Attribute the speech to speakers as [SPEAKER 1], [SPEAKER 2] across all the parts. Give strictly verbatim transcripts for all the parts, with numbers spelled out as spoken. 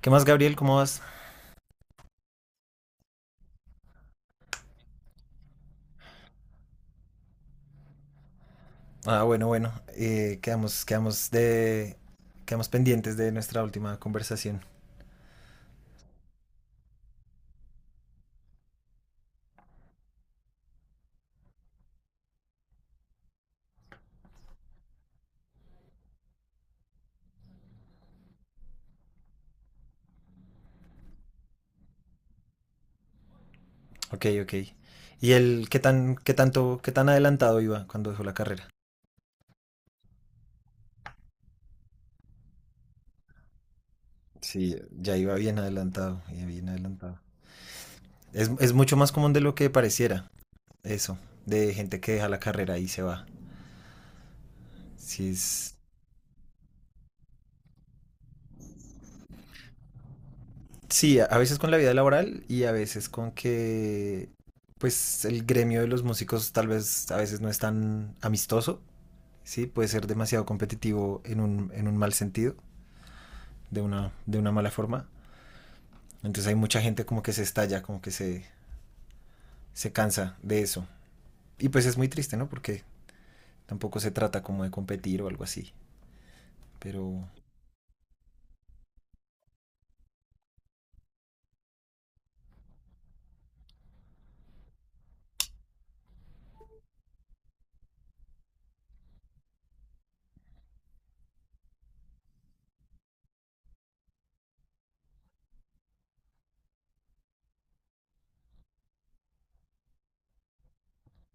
[SPEAKER 1] ¿Qué más, Gabriel? ¿Cómo vas? Ah, bueno, bueno. eh, quedamos, quedamos de, quedamos pendientes de nuestra última conversación. Ok, ok. ¿Y él qué tan, qué tanto, qué tan adelantado iba cuando dejó la carrera? Sí, ya iba bien adelantado, ya bien adelantado. Es, es mucho más común de lo que pareciera, eso, de gente que deja la carrera y se va. Sí, es, sí, a a veces con la vida laboral y a veces con que, pues, el gremio de los músicos tal vez a veces no es tan amistoso. Sí, puede ser demasiado competitivo en un, en un mal sentido, de una, de una mala forma. Entonces hay mucha gente como que se estalla, como que se, se cansa de eso. Y pues es muy triste, ¿no? Porque tampoco se trata como de competir o algo así. Pero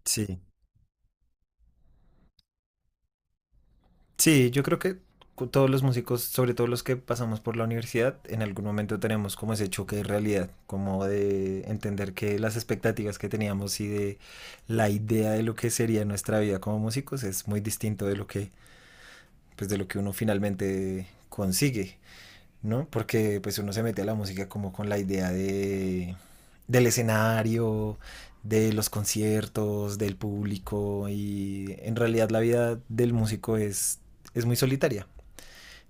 [SPEAKER 1] sí, sí, yo creo que cu- todos los músicos, sobre todo los que pasamos por la universidad, en algún momento tenemos como ese choque de realidad, como de entender que las expectativas que teníamos y de la idea de lo que sería nuestra vida como músicos es muy distinto de lo que, pues de lo que uno finalmente consigue, ¿no? Porque pues uno se mete a la música como con la idea de del escenario, de los conciertos, del público, y en realidad la vida del músico es es muy solitaria,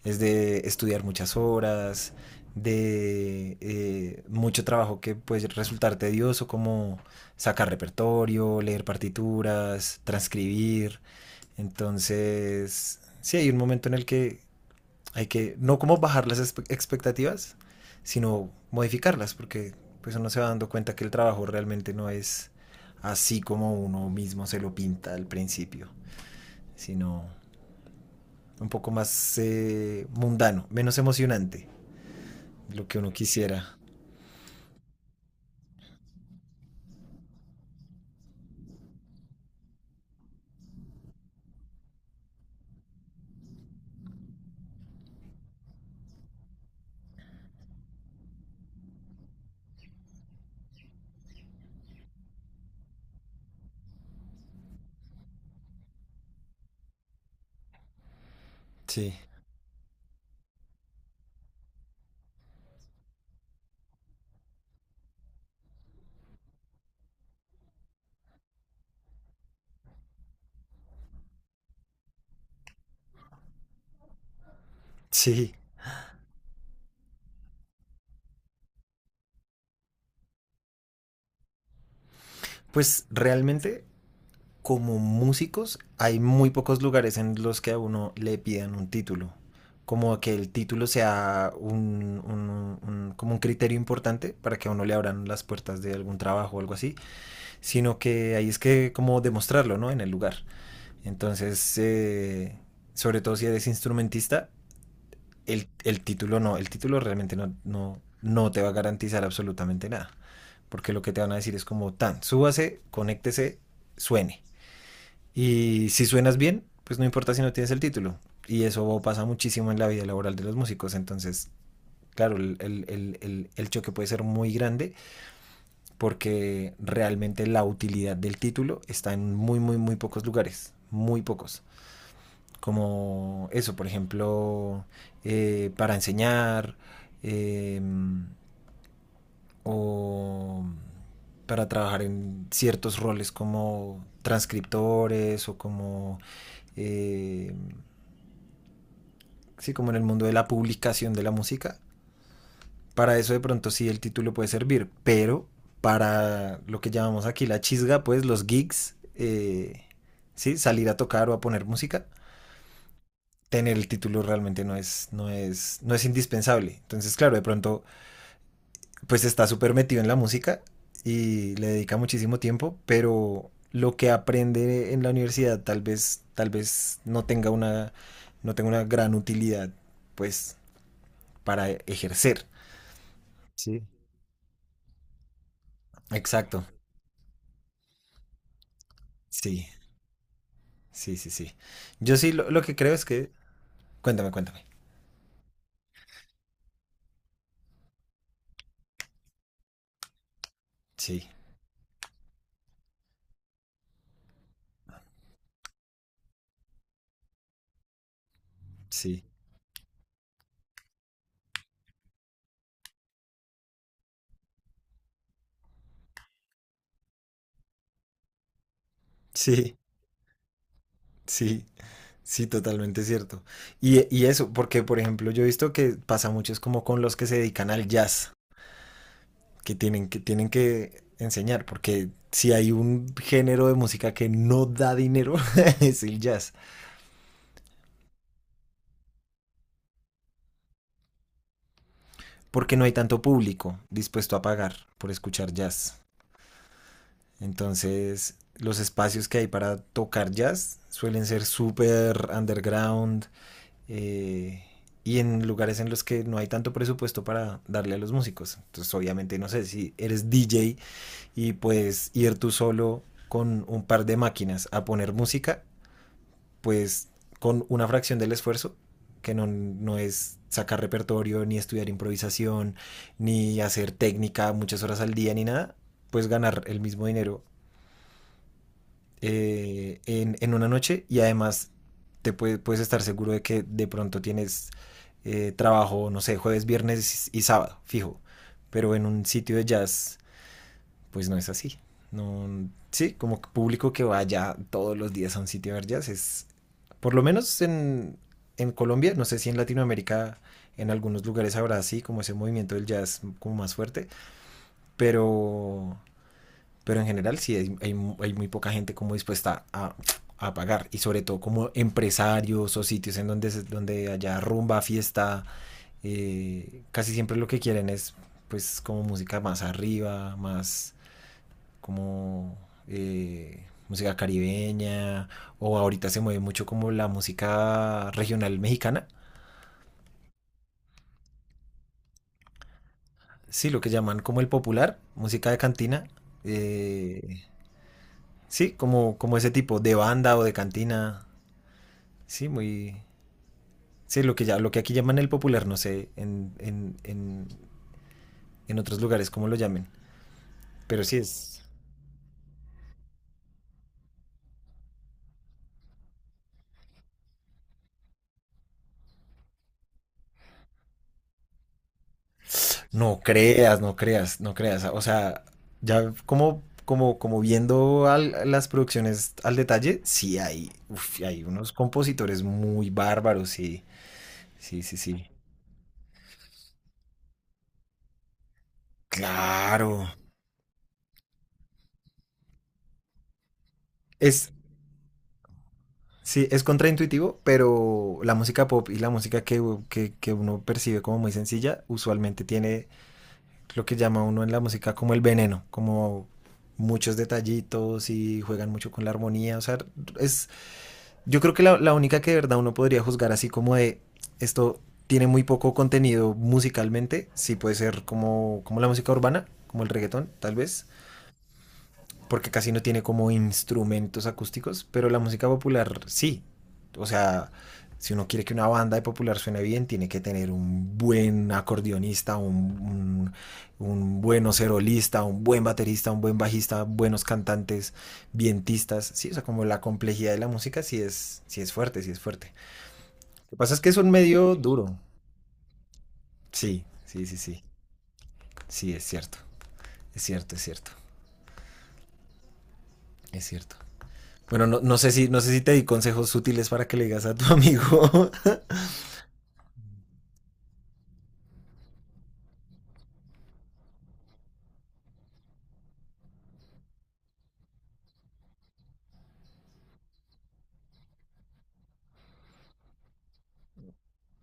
[SPEAKER 1] es de estudiar muchas horas, de eh, mucho trabajo que puede resultar tedioso, como sacar repertorio, leer partituras, transcribir. Entonces, sí, hay un momento en el que hay que no como bajar las expectativas, sino modificarlas, porque pues uno se va dando cuenta que el trabajo realmente no es así como uno mismo se lo pinta al principio, sino un poco más eh, mundano, menos emocionante, lo que uno quisiera. Sí. Sí, pues realmente como músicos hay muy pocos lugares en los que a uno le pidan un título. Como que el título sea un, un- un- como un criterio importante para que a uno le abran las puertas de algún trabajo o algo así, sino que ahí es que como demostrarlo, ¿no? En el lugar. Entonces, eh, sobre todo si eres instrumentista, el, el título no, el título realmente no, no, no te va a garantizar absolutamente nada, porque lo que te van a decir es como tan, súbase, conéctese, suene y si suenas bien, pues no importa si no tienes el título. Y eso pasa muchísimo en la vida laboral de los músicos. Entonces, claro, el, el- el- el- choque puede ser muy grande porque realmente la utilidad del título está en muy, muy, muy pocos lugares. Muy pocos. Como eso, por ejemplo, eh, para enseñar, eh, o para trabajar en ciertos roles como transcriptores o como eh, sí, como en el mundo de la publicación de la música. Para eso de pronto sí el título puede servir, pero para lo que llamamos aquí la chisga, pues los gigs, eh, sí, salir a tocar o a poner música, tener el título realmente no es, no es, no es indispensable. Entonces, claro, de pronto, pues está súper metido en la música y le dedica muchísimo tiempo, pero lo que aprende en la universidad tal vez, tal vez no tenga una, no tenga una gran utilidad, pues, para ejercer. Sí. Exacto. Sí, sí, sí, sí. Yo sí, lo, lo que creo es que... Cuéntame, cuéntame. Sí, sí, sí, sí, sí, totalmente cierto. Y, y eso, porque por ejemplo yo he visto que pasa mucho es como con los que se dedican al jazz, que tienen que, tienen que enseñar, porque si hay un género de música que no da dinero, es el jazz, porque no hay tanto público dispuesto a pagar por escuchar jazz. Entonces, los espacios que hay para tocar jazz suelen ser súper underground, eh, y en lugares en los que no hay tanto presupuesto para darle a los músicos. Entonces, obviamente, no sé si eres D J y puedes ir tú solo con un par de máquinas a poner música, pues con una fracción del esfuerzo, que no, no es sacar repertorio, ni estudiar improvisación, ni hacer técnica muchas horas al día, ni nada, pues ganar el mismo dinero eh, en, en una noche. Y además te puede- puedes estar seguro de que de pronto tienes eh, trabajo, no sé, jueves, viernes y sábado, fijo. Pero en un sitio de jazz, pues no es así. No, sí, como público que vaya todos los días a un sitio de jazz es, por lo menos en, en Colombia, no sé si en Latinoamérica, en algunos lugares habrá así, como ese movimiento del jazz como más fuerte, pero, pero en general sí hay, hay, hay muy poca gente como dispuesta a, a pagar. Y sobre todo como empresarios o sitios en donde, donde haya rumba, fiesta, eh, casi siempre lo que quieren es pues como música más arriba, más como eh, música caribeña, o ahorita se mueve mucho como la música regional mexicana, sí, lo que llaman como el popular, música de cantina, eh, sí, como, como ese tipo de banda o de cantina, sí, muy, sí, lo que, ya, lo que aquí llaman el popular, no sé en, en, en, en otros lugares cómo lo llamen, pero sí es... No creas, no creas, no creas. O sea, ya como, como, como viendo al- las producciones al detalle, sí hay, uf, hay unos compositores muy bárbaros, sí, sí, sí, sí. Claro. Es, sí, es contraintuitivo, pero la música pop y la música que, que, que uno percibe como muy sencilla, usualmente tiene lo que llama uno en la música como el veneno, como muchos detallitos y juegan mucho con la armonía. O sea, es, yo creo que la, la única que de verdad uno podría juzgar así como de esto tiene muy poco contenido musicalmente, sí puede ser como, como la música urbana, como el reggaetón, tal vez porque casi no tiene como instrumentos acústicos, pero la música popular sí. O sea, si uno quiere que una banda de popular suene bien, tiene que tener un buen acordeonista, un, un, un buen oserolista, un buen baterista, un buen bajista, buenos cantantes, vientistas. Sí, o sea, como la complejidad de la música sí es, sí es fuerte, sí es fuerte. Lo que pasa es que es un medio duro. Sí, sí, sí, sí. Sí, es cierto. Es cierto, es cierto. Es cierto. Bueno, no, no sé si, no sé si te di consejos útiles para que le digas a tu amigo.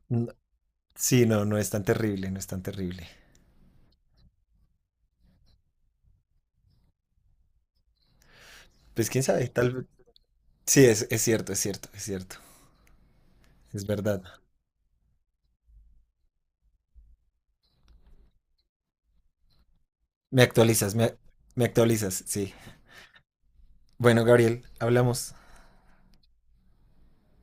[SPEAKER 1] No, sí, no, no es tan terrible, no es tan terrible. Pues quién sabe, tal vez. Sí, es, es cierto, es cierto, es cierto. Es verdad. Me actualizas, me, me actualizas, sí. Bueno, Gabriel, hablamos.